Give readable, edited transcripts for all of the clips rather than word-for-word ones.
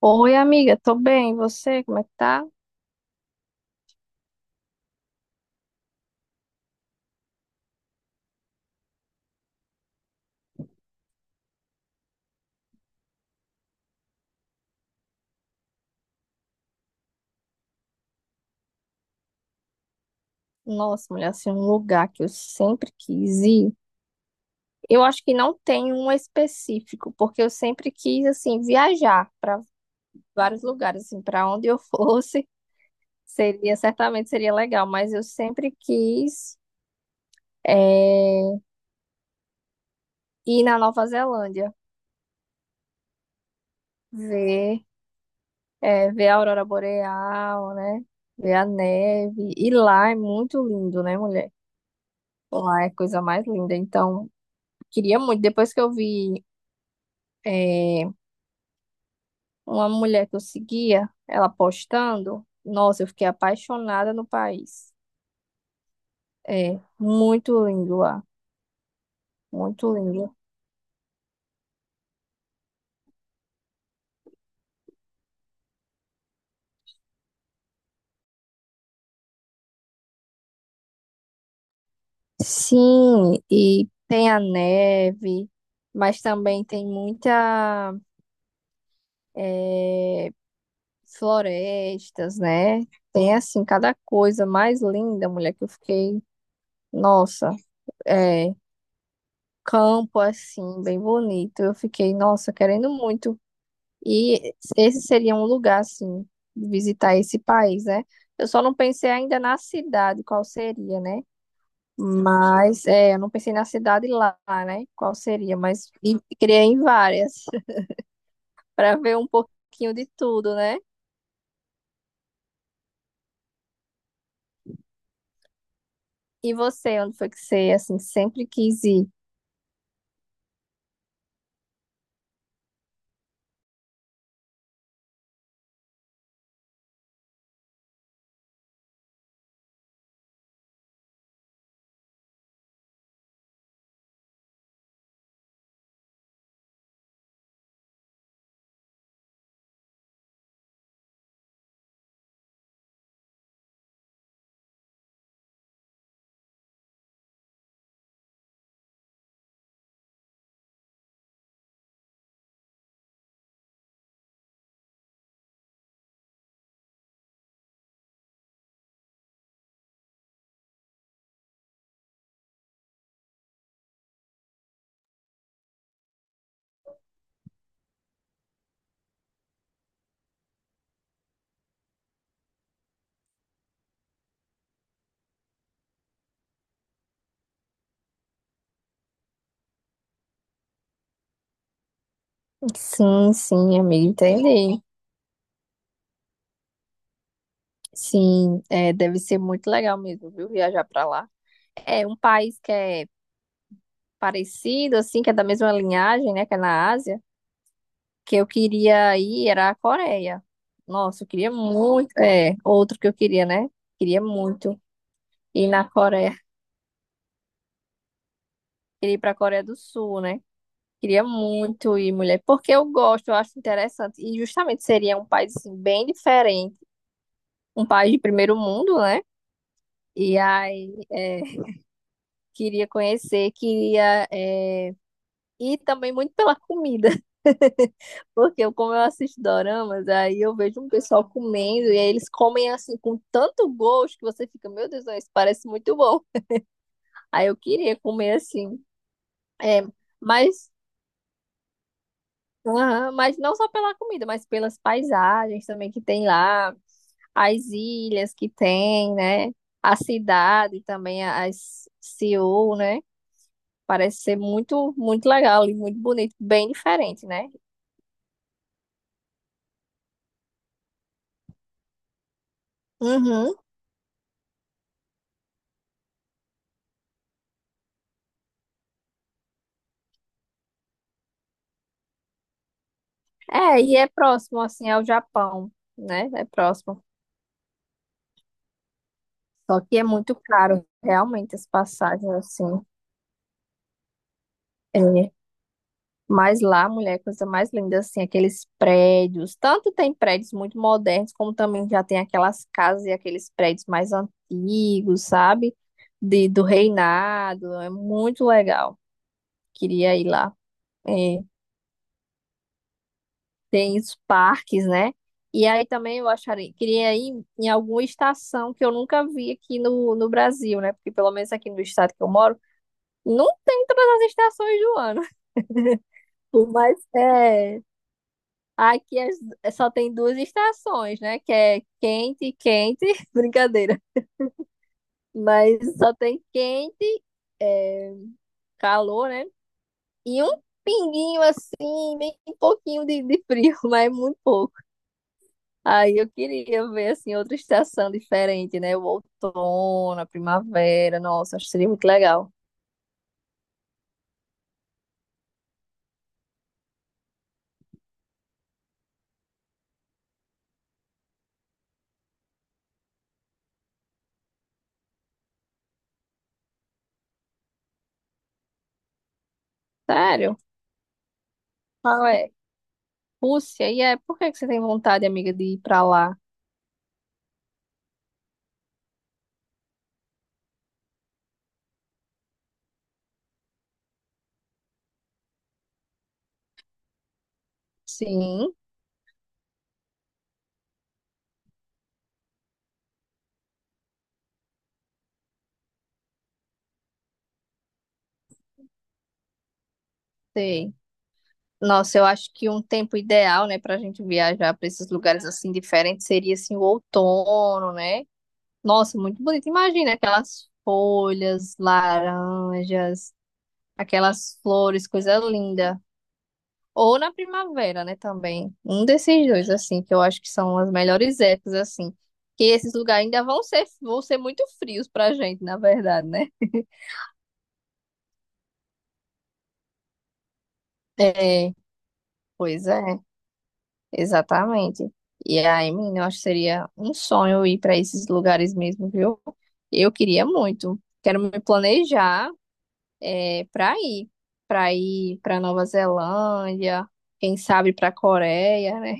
Oi, amiga, tô bem. E você, como é que tá? Nossa, mulher, assim, um lugar que eu sempre quis ir. Eu acho que não tem um específico, porque eu sempre quis, assim, viajar para vários lugares, assim, para onde eu fosse, seria, certamente seria legal, mas eu sempre quis, eh, ir na Nova Zelândia. Ver, é, ver a aurora boreal, né? Ver a neve. E lá é muito lindo, né, mulher? Lá é a coisa mais linda. Então, queria muito. Depois que eu vi, é, uma mulher que eu seguia, ela postando, nossa, eu fiquei apaixonada no país. É muito lindo lá. Muito lindo. Sim, e tem a neve, mas também tem muita. eh, florestas, né? Tem assim cada coisa mais linda, mulher, que eu fiquei, nossa, é campo assim, bem bonito. Eu fiquei, nossa, querendo muito. E esse seria um lugar assim, visitar esse país, né? Eu só não pensei ainda na cidade, qual seria, né? Mas é, eu não pensei na cidade lá, né? Qual seria, mas e queria ir em várias para ver um pouquinho de tudo, né? E você, onde foi que você assim sempre quis ir? Sim, sim, amiga, entendi. Sim, é, deve ser muito legal mesmo, viu? Viajar pra lá. É um país que é parecido, assim, que é da mesma linhagem, né? Que é na Ásia. Que eu queria ir era a Coreia. Nossa, eu queria muito. É, outro que eu queria, né? Queria muito ir na Coreia. Queria ir pra Coreia do Sul, né? Queria muito ir, mulher, porque eu gosto, eu acho interessante. E justamente seria um país, assim, bem diferente. Um país de primeiro mundo, né? E aí. É, queria conhecer, queria é, e também muito pela comida, porque eu, como eu assisto doramas, aí eu vejo um pessoal comendo e aí eles comem assim com tanto gosto que você fica, meu Deus, não, isso parece muito bom. Aí eu queria comer assim, é, mas, aham, mas não só pela comida, mas pelas paisagens também que tem lá, as ilhas que tem, né? A cidade também, as Seul, né? Parece ser muito, muito legal e muito bonito, bem diferente, né? Uhum. É, e é próximo, assim, ao Japão, né? É próximo. Só que é muito caro, realmente, as passagens, assim. É. Mas lá, mulher, coisa mais linda, assim, aqueles prédios. Tanto tem prédios muito modernos, como também já tem aquelas casas e aqueles prédios mais antigos, sabe? De, do reinado. É muito legal. Queria ir lá. É. Tem os parques, né? E aí também eu acharia, queria ir em alguma estação que eu nunca vi aqui no, no Brasil, né? Porque pelo menos aqui no estado que eu moro, não tem todas as estações do ano. Por mais é, aqui as- só tem duas estações, né? Que é quente e quente, brincadeira. Mas só tem quente, é, calor, né? E um pinguinho assim, bem pouquinho de frio, mas muito pouco. Aí eu queria ver assim outra estação diferente, né? O outono, a primavera. Nossa, acho que seria muito legal. Sério? Qual é? Rússia? E é, por que que você tem vontade, amiga, de ir pra lá? Sim, sei. Nossa, eu acho que um tempo ideal, né, pra gente viajar pra esses lugares assim diferentes seria assim o outono, né? Nossa, muito bonito. Imagina aquelas folhas laranjas, aquelas flores, coisa linda. Ou na primavera, né, também. Um desses dois, assim, que eu acho que são as melhores épocas, assim. Que esses lugares ainda vão ser muito frios pra gente, na verdade, né? É, pois é, exatamente. E aí, menina, eu acho que seria um sonho ir para esses lugares mesmo, viu? Eu queria muito. Quero me planejar é, para ir, para ir para Nova Zelândia, quem sabe para Coreia, né?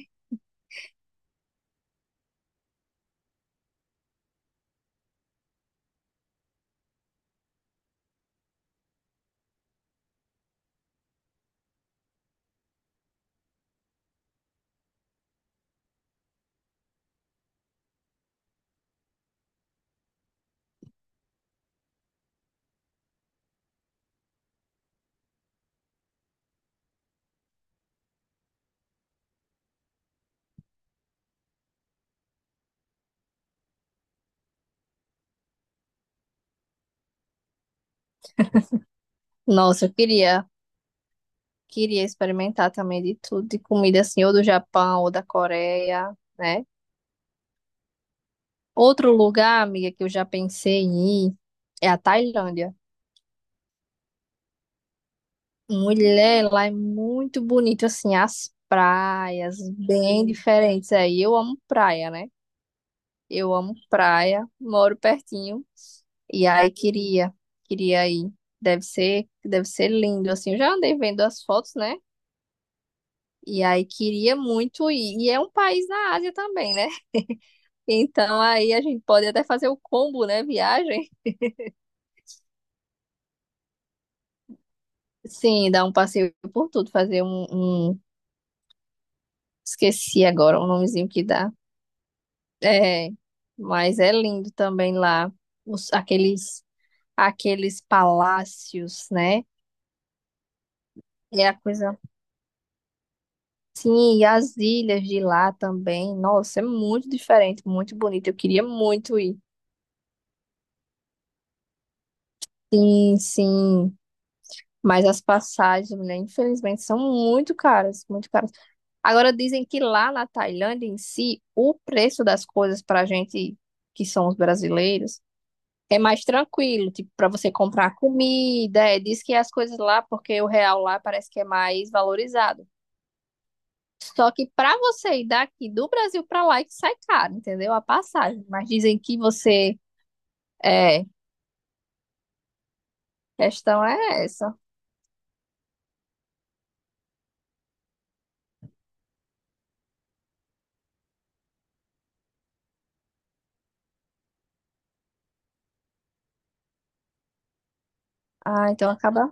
Nossa, eu queria. Queria experimentar também de tudo, de comida assim, ou do Japão, ou da Coreia, né? Outro lugar, amiga, que eu já pensei em ir é a Tailândia. Mulher, lá é muito bonito, assim, as praias bem diferentes. Aí eu amo praia, né? Eu amo praia, moro pertinho. E aí queria, queria ir. Deve ser lindo, assim. Eu já andei vendo as fotos, né? E aí queria muito ir. E é um país na Ásia também, né? Então aí a gente pode até fazer o combo, né? Viagem. Sim, dar um passeio por tudo, fazer um, um- Esqueci agora o nomezinho que dá. É, mas é lindo também lá. Os, aqueles, aqueles palácios, né? É a coisa. Sim, e as ilhas de lá também. Nossa, é muito diferente, muito bonito. Eu queria muito ir. Sim, sim. Mas as passagens, mulher, infelizmente, são muito caras, muito caras. Agora dizem que lá na Tailândia em si, o preço das coisas para a gente que são os brasileiros é mais tranquilo, tipo, para você comprar comida, é, diz que as coisas lá, porque o real lá parece que é mais valorizado. Só que para você ir daqui do Brasil para lá é que sai caro, entendeu? A passagem. Mas dizem que você é, questão é essa. Ah, então acaba.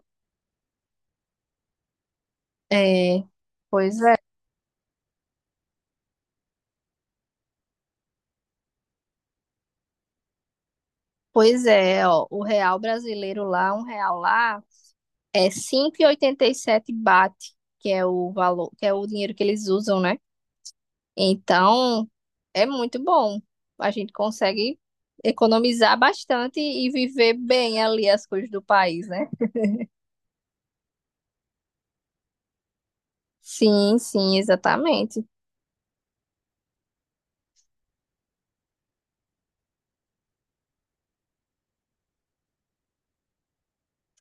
É, pois é. Pois é, ó, o real brasileiro lá, um real lá é 5,87 baht, que é o valor, que é o dinheiro que eles usam, né? Então, é muito bom. A gente consegue economizar bastante e viver bem ali as coisas do país, né? Sim, sim, exatamente.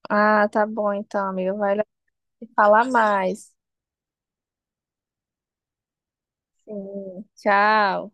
Ah, tá bom então, amigo. Vai lá falar mais. Sim, tchau.